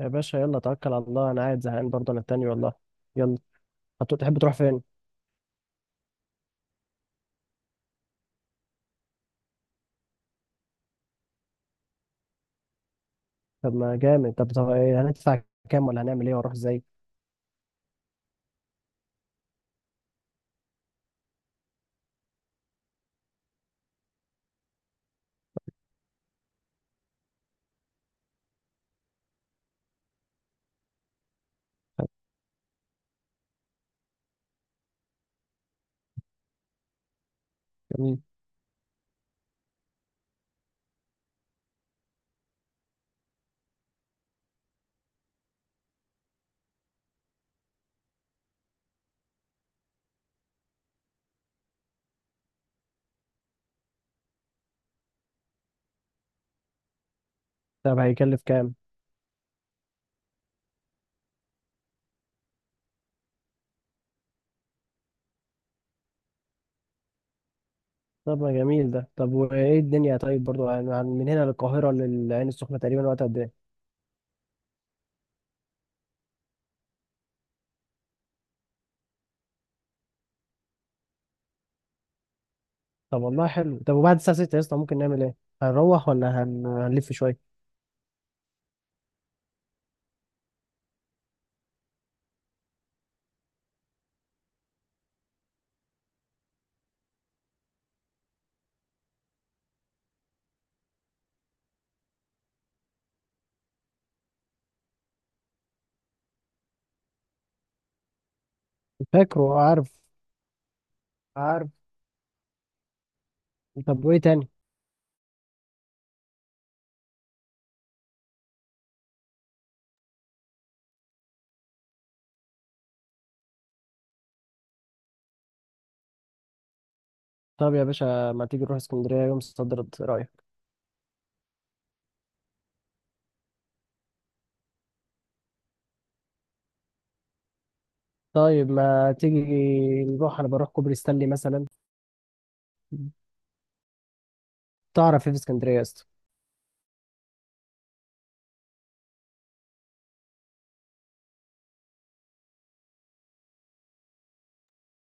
يا باشا يلا توكل على الله. انا قاعد زهقان برضه، انا التاني والله. يلا. تحب تروح فين؟ طب ما جامد. طب إيه، هندفع كام ولا هنعمل ايه واروح ازاي؟ جميل. طب هيكلف كام؟ طب ما جميل ده. طب وايه الدنيا؟ طيب برضه يعني من هنا للقاهره للعين السخنه تقريبا وقت قد ايه؟ طب والله حلو. طب وبعد الساعه 6 يا اسطى ممكن نعمل ايه؟ هنروح ولا هنلف شويه؟ فاكره. عارف. عارف. طب وايه تاني؟ طب يا باشا ما تيجي نروح اسكندريه يوم صدرت، ايه رايك؟ طيب ما تيجي نروح. انا بروح كوبري ستانلي مثلا. تعرف ايه في اسكندريه يا اسطى؟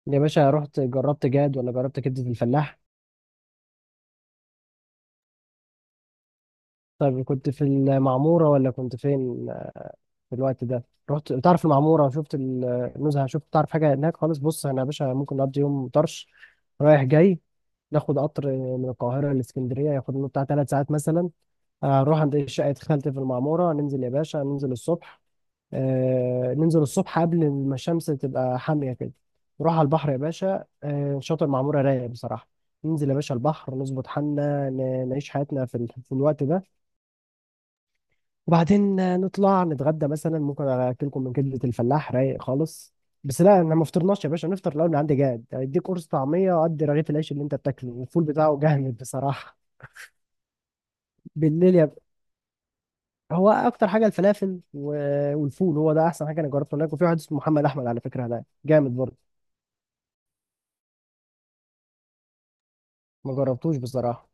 يا باشا رحت جربت جاد ولا جربت كبده الفلاح؟ طيب كنت في المعموره ولا كنت فين في الوقت ده؟ رحت تعرف المعموره؟ شفت النزهه؟ شفت، تعرف حاجه هناك خالص؟ بص انا يا باشا ممكن نقضي يوم طرش رايح جاي. ناخد قطر من القاهره لاسكندريه ياخد لنا بتاع 3 ساعات مثلا. اروح عند شقه خالتي في المعموره. ننزل يا باشا، ننزل الصبح. ننزل الصبح قبل ما الشمس تبقى حامية كده. نروح على البحر يا باشا. شاطئ معمورة رايق بصراحة. ننزل يا باشا البحر نظبط حالنا، نعيش حياتنا في في الوقت ده. وبعدين نطلع نتغدى مثلا. ممكن أكلكم من كبدة الفلاح رايق خالص. بس لا، انا ما فطرناش يا باشا. نفطر الاول من عندي جاد، اديك قرص طعميه وقد رغيف العيش اللي انت بتاكله، والفول بتاعه جامد بصراحه. بالليل يا... هو اكتر حاجه الفلافل والفول. هو ده احسن حاجه انا جربته هناك. وفي واحد اسمه محمد احمد على فكره هناك جامد برضه. ما جربتوش بصراحة.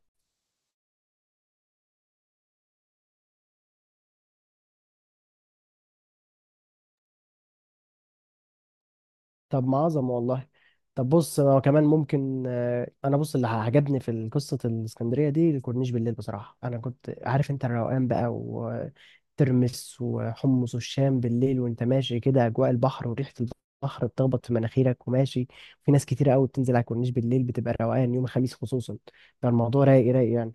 طب ما عظمة والله. طب بص هو كمان ممكن. انا بص، اللي عجبني في قصة الاسكندرية دي الكورنيش بالليل بصراحة. انا كنت عارف انت الروقان بقى، وترمس وحمص والشام بالليل، وانت ماشي كده اجواء البحر وريحة البحر بتخبط في مناخيرك وماشي. في ناس كتيرة قوي بتنزل على الكورنيش بالليل، بتبقى روقان يوم الخميس خصوصا. فالموضوع رايق رايق يعني.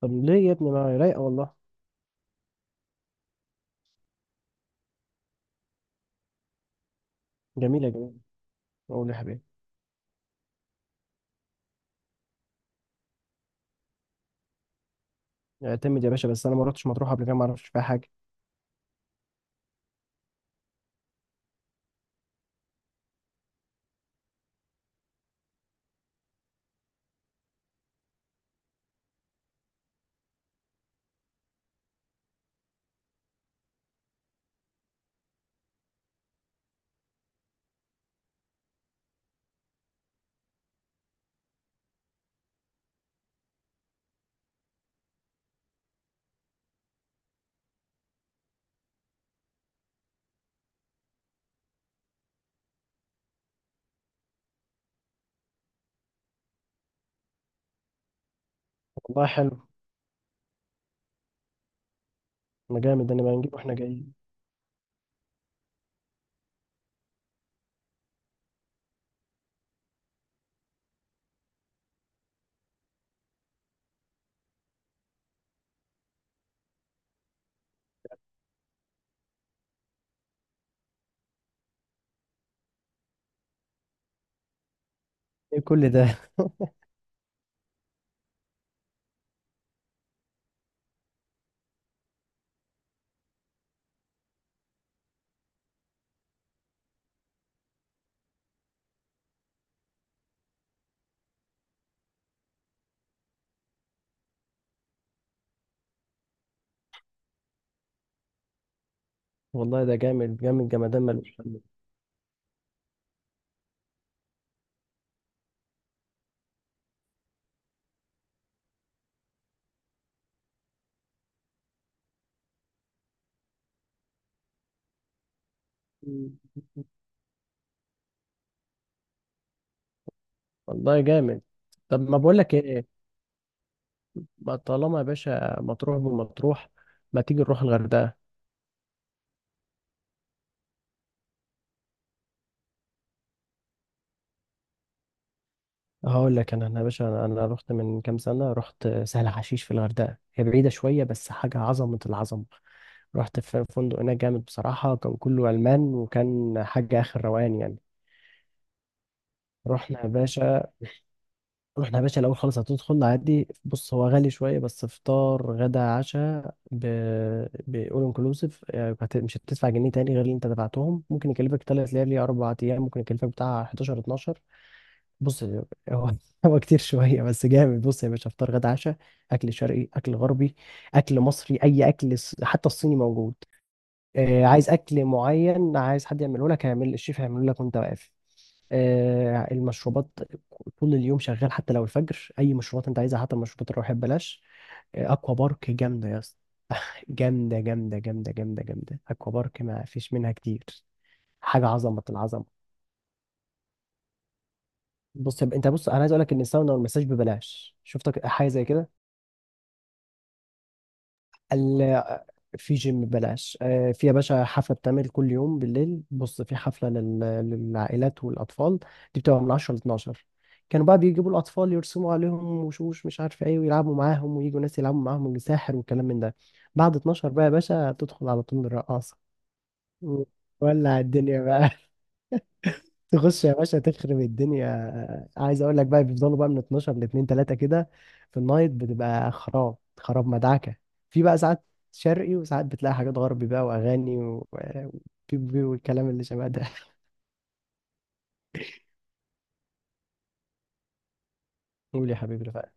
طب ليه يا ابني؟ ما هي رايقة والله. جميلة جميلة. قول يا حبيبي. اعتمد يا باشا. بس انا ما رحتش مطروح قبل كده ما اعرفش فيها حاجة. والله حلو. ما جامد ده. نبقى نجيب واحنا جايين. ايه كل ده؟ والله ده جامد جامد جمدان ملوش حل. مم. والله جامد. طب ما بقول لك ايه. ما طالما يا باشا مطروح بمطروح، ما تيجي نروح الغردقه؟ هقول لك. انا يا باشا انا رحت من كام سنه. رحت سهل حشيش في الغردقه، هي بعيده شويه بس حاجه عظمه العظمه. رحت في فندق هناك جامد بصراحه، كان كله المان، وكان حاجه اخر روقان يعني. رحنا يا باشا. رحنا يا باشا الاول خالص. هتدخل عادي. بص هو غالي شويه بس فطار غدا عشاء ب... بأول انكلوسيف. مش هتدفع جنيه تاني غير اللي انت دفعتهم. ممكن يكلفك 3 ليالي 4 ايام، ممكن يكلفك بتاع 11 12. بص هو هو كتير شويه بس جامد. بص يا باشا، فطار غدا عشاء. اكل شرقي اكل غربي. اكل مصري، اي اكل حتى الصيني موجود. عايز اكل معين، عايز حد يعمله لك، هيعمل الشيف هيعمله لك وانت واقف. المشروبات طول اليوم شغال، حتى لو الفجر اي مشروبات انت عايزها، حتى المشروبات الروحيه ببلاش. اكوا بارك جامده يا اسطى. جامده جامده جامده جامده جامده. اكوا بارك ما فيش منها كتير. حاجه عظمه العظمه. بص يا انت بص. انا عايز اقول لك ان الساونا والمساج ببلاش. شفتك حاجه زي كده؟ في جيم ببلاش. في يا باشا حفلة بتعمل كل يوم بالليل. بص في حفلة للعائلات والأطفال. دي بتبقى من 10 ل 12. كانوا بقى بيجيبوا الأطفال يرسموا عليهم وشوش مش عارف إيه، ويلعبوا معاهم، ويجوا ناس يلعبوا معاهم، وساحر، والكلام من ده. بعد 12 بقى يا باشا تدخل على طول الرقاصة. ولع الدنيا بقى. تخش يا باشا تخرب الدنيا. عايز اقول لك بقى، بيفضلوا بقى من 12 ل 2 3 كده. في النايت بتبقى خراب خراب مدعكه. في بقى ساعات شرقي، وساعات بتلاقي حاجات غربي بقى، واغاني وبيب بيب والكلام اللي شبه ده. قول يا حبيبي رفاق.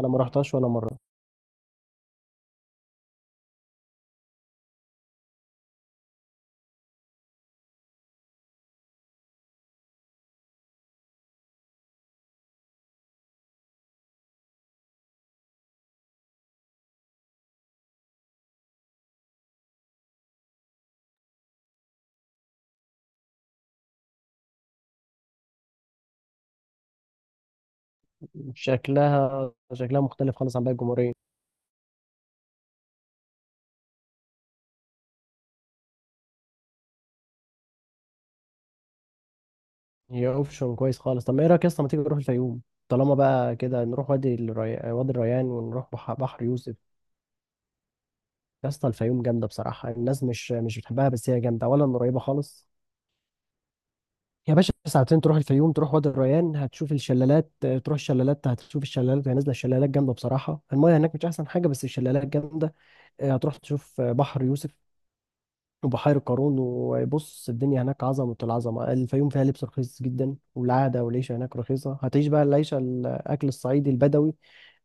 انا ما رحتهاش ولا مره. شكلها مختلف خالص عن باقي الجمهوريه. هي اوبشن كويس خالص. طب ما ايه رايك يا اسطى؟ ما تيجي نروح الفيوم؟ طالما بقى كده، نروح وادي وادي الريان، ونروح بحر يوسف. يا اسطى الفيوم جامده بصراحه. الناس مش بتحبها بس هي جامده، اولا قريبه خالص. يا باشا ساعتين تروح الفيوم. تروح وادي الريان هتشوف الشلالات. تروح الشلالات هتشوف الشلالات وهي نازله. الشلالات جامده بصراحه. المايه هناك مش احسن حاجه بس الشلالات جامده. هتروح تشوف بحر يوسف وبحيرة قارون. وبص الدنيا هناك عظمة العظمة. الفيوم فيها لبس رخيص جدا، والعادة والعيشة هناك رخيصة. هتعيش بقى العيشة، الأكل الصعيدي البدوي،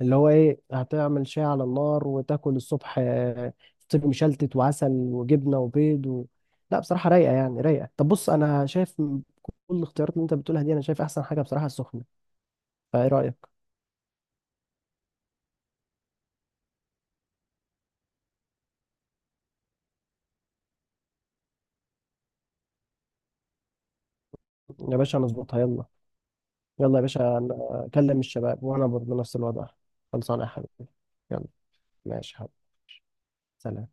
اللي هو إيه، هتعمل شاي على النار وتاكل الصبح فطير مشلتت وعسل وجبنة وبيض و... لا بصراحة رايقة يعني رايقة. طب بص، أنا شايف من كل الاختيارات اللي أنت بتقولها دي، أنا شايف أحسن حاجة بصراحة السخنة. فإيه رأيك؟ يا باشا نظبطها يلا. يلا يا باشا، أنا أكلم الشباب وأنا برضه نفس الوضع. خلصانة يا حبيبي. يلا. ماشي يا حبيبي. سلام.